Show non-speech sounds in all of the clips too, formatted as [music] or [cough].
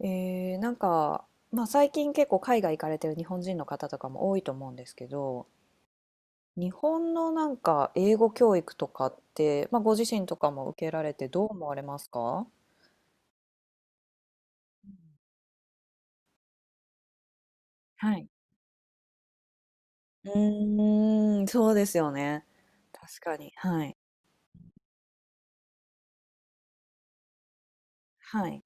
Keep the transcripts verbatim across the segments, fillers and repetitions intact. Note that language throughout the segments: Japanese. えー、なんか、まあ、最近結構海外行かれてる日本人の方とかも多いと思うんですけど、日本のなんか英語教育とかって、まあ、ご自身とかも受けられてどう思われますか？はい。うーん、そうですよね。確かに。はい。はい。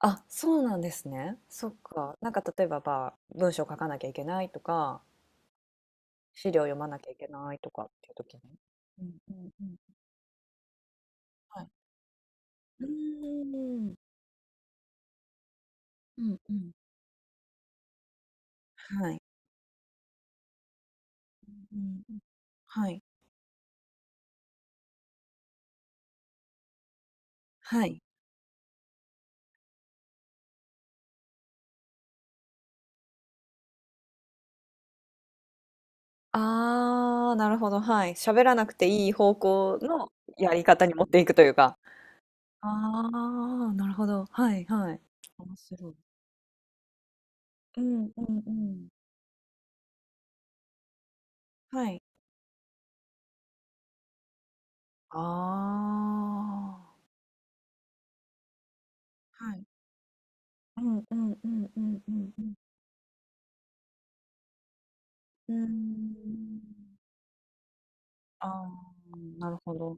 あ、そうなんですね。そっか。なんか例えば、まあ、文章書かなきゃいけないとか、資料読まなきゃいけないとかっていう時に。うんうんうん。はい。うーん。うんうん。はい。うん、はい。はい。ああ、なるほど、はい。喋らなくていい方向のやり方に持っていくというか。ああ、なるほど。はいはい。面白い。うんうんうん。はい。ああ。はい。うんうんうんうんうんうん。うーん。ああ、なるほど。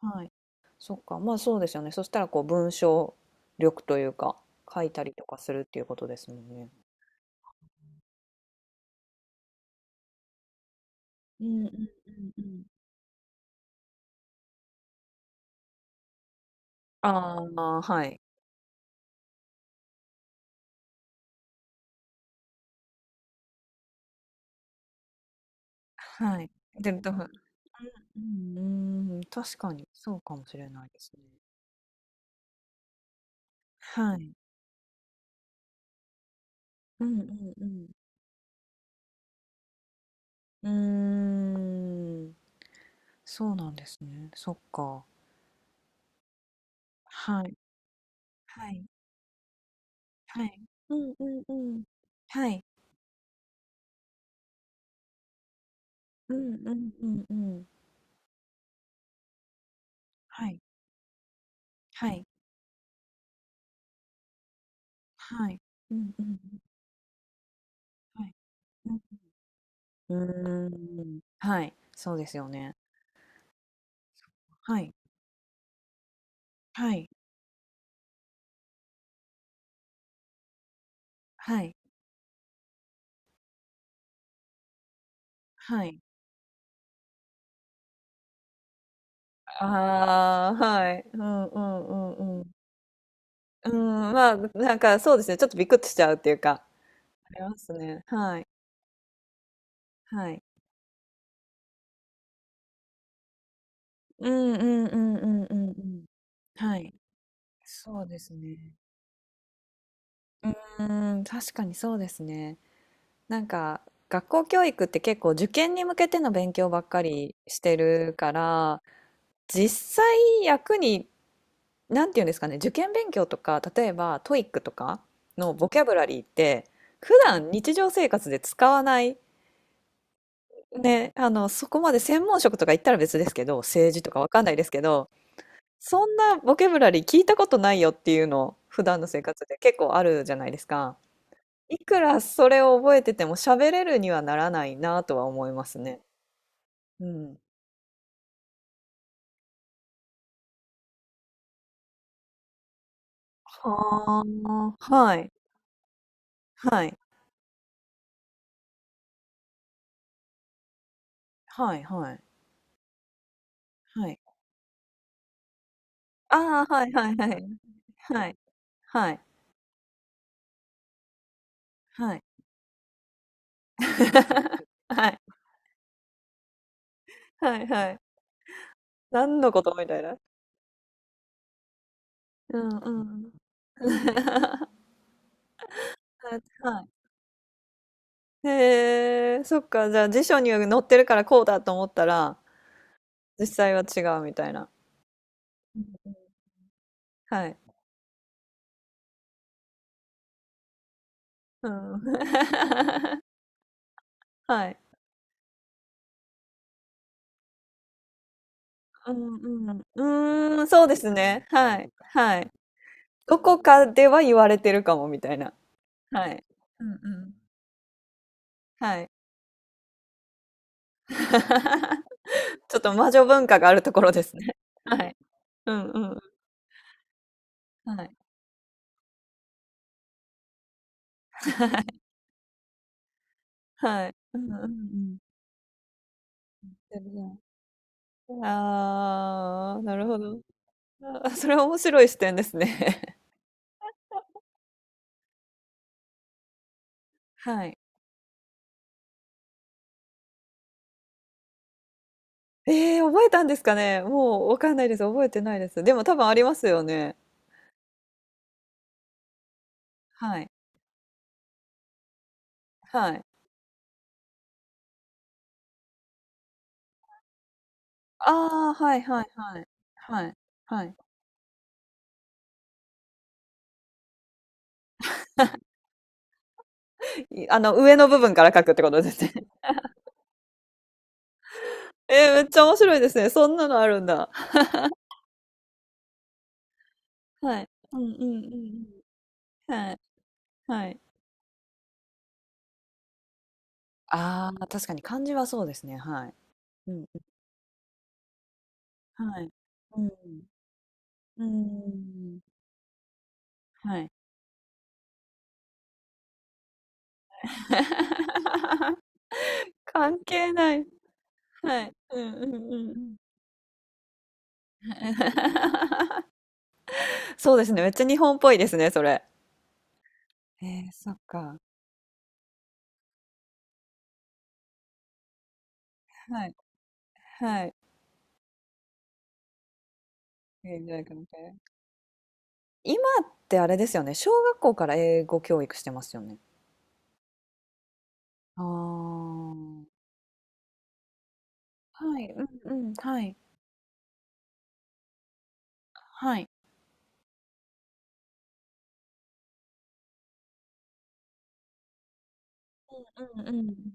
はい。そっか、まあそうですよね。そしたらこう文章力というか、書いたりとかするっていうことですもんね。うんうんうんうん。ああ、はい。はい。でも、だからうん、うーん、確かにそうかもしれないですね。はい。うんうんうん。うーん、そうなんですね。そっか。はい。はい。はい。うんうんうん。はい。うんうんうんうん。はい。はい。はい。うんうんうん。はい。うん。うーん。はい。そうですよね。はい。はい。はい。はい。ああ、はい。うんうんうんうん。うん、まあ、なんかそうですね、ちょっとビクっとしちゃうっていうか、ありますね。はい。はい。うんうんうんうんうんうん。はい。そうですね。うーん、確かにそうですね。なんか、学校教育って結構受験に向けての勉強ばっかりしてるから、実際役になんていうんですかね、受験勉強とか、例えばトイックとかのボキャブラリーって、普段日常生活で使わない、ね、あの、そこまで専門職とか言ったら別ですけど、政治とかわかんないですけど、そんなボキャブラリー聞いたことないよっていうの、普段の生活で結構あるじゃないですか。いくらそれを覚えてても喋れるにはならないなとは思いますね。うん。はあ、はい、はい、はい、はい、はい。ああ、はいはいはい。[laughs] はい。はい。はい。[laughs] はい。[laughs] はいはい。何のことみたいな。うんうん。[laughs] はい。へえ、そっか。じゃあ辞書に載ってるからこうだと思ったら、実際は違うみたいな。うんはい。うん。[laughs] はい。うんうん。うーん、そうですね。はい。はい。どこかでは言われてるかもみたいな。はい。うんうん。はい。[laughs] ちょっと魔女文化があるところですね。[laughs] はい。うんうんはいはい。[laughs] はい。うんうんうん。でもねああー、なるほど。あ、それは面白い視点ですね。[laughs] はい。[laughs] ええ、覚えたんですかね？もうわかんないです。覚えてないです。でも多分ありますよね。はい。はい。ああ、はいはいはい。はい。はい。いあの、上の部分から書くってことですね。[laughs] ええ、めっちゃ面白いですね。そんなのあるんだ。はい。うんうんうんうん。はい。はい。ああ、確かに漢字はそうですね、はい。うん、うん、はい。うん、うん、はい。[laughs] 関係ない。はい。うんうんうんうん。[laughs] そうですね、めっちゃ日本っぽいですね、それ。ええ、そっか。はい、はい。ええ、じゃあ、関係今ってあれですよね、小学校から英語教育してますよね。ああ、はい、うんうん、はい、はい。うんうんうん。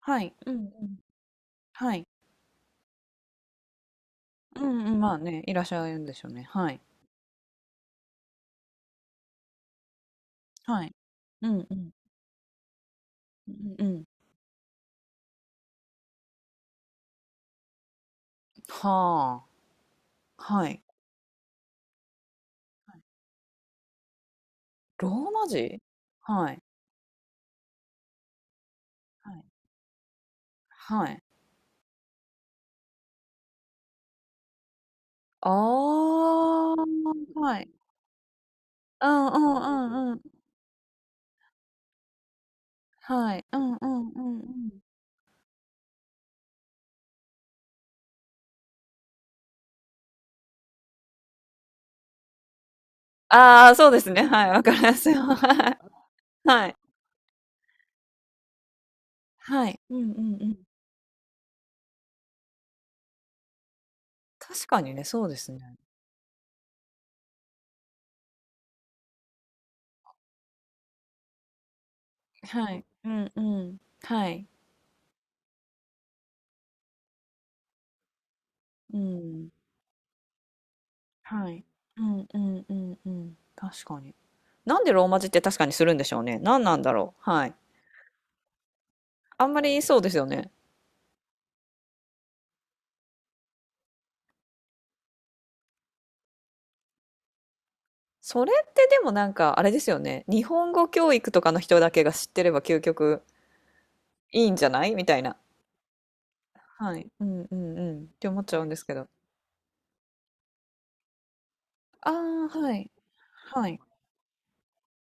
はい、うんうん。はい。うんうん、まあね、いらっしゃるんでしょうね。はい。はい。うんうん。うんうん。はあ。はい。ローマ字はい。はい。はい。ああ、はい。うんうんうんうん。はい。うんうんうんうん。ああ、そうですね。はい。わかりますよ。はい。はい。はい。うんうんうん。確かにね、そうですね。はい。うんうん。はい。うん。はい。うんうんうんうん。確かにね。なんでローマ字って確かにするんでしょうね。何なんだろう。はい。あんまりそうですよね。それってでもなんかあれですよね。日本語教育とかの人だけが知ってれば究極いいんじゃないみたいな。はい。うんうんうん。って思っちゃうんですけど。ああ、はい。はい。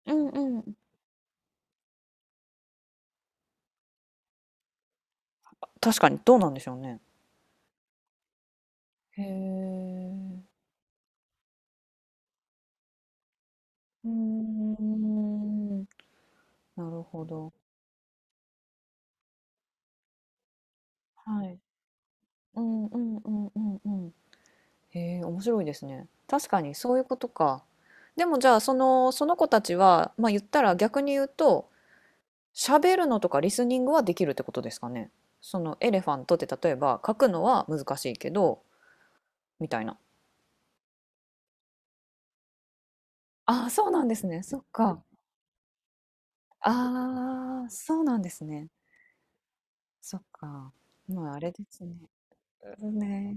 うんうん。確かにどうなんでしょうね。へえ。うーん。なるほど。はい。うんうんうんうんうん。へえ、面白いですね。確かにそういうことか。でもじゃあその、その子たちは、まあ言ったら逆に言うと、喋るのとかリスニングはできるってことですかね。そのエレファントって例えば書くのは難しいけど、みたいな。ああ、そうなんですね。そっか。ああ、そうなんですね。そっか。まああれですね。ね。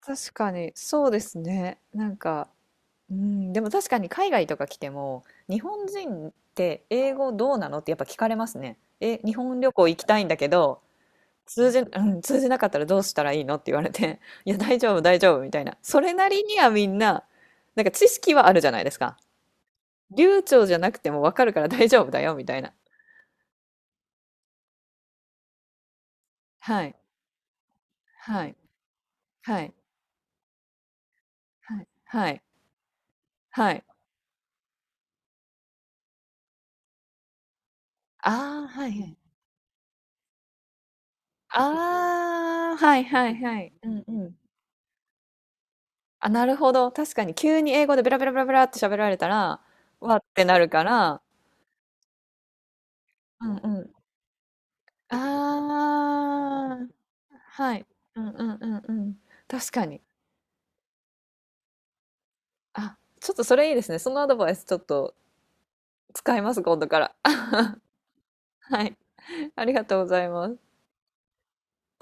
確かに、そうですね。なんか、うん、でも確かに海外とか来ても日本人って英語どうなのってやっぱ聞かれますね。え、日本旅行行きたいんだけど通じ、うん、通じなかったらどうしたらいいのって言われて「いや大丈夫大丈夫」みたいなそれなりにはみんななんか知識はあるじゃないですか。流暢じゃなくてもわかるから [laughs] 大丈夫だよみたいな。はいはいはいはいはいはい。ああはいはい。ああはいはいはい。うんうんあ、なるほど。確かに急に英語でベラベラベラベラって喋られたら、わってなるから、うんうん。ああ、はい。うんうんうんうん。確かに。あ、ちょっとそれいいですね。そのアドバイスちょっと使います、今度から。[laughs] はい。ありがとうございます。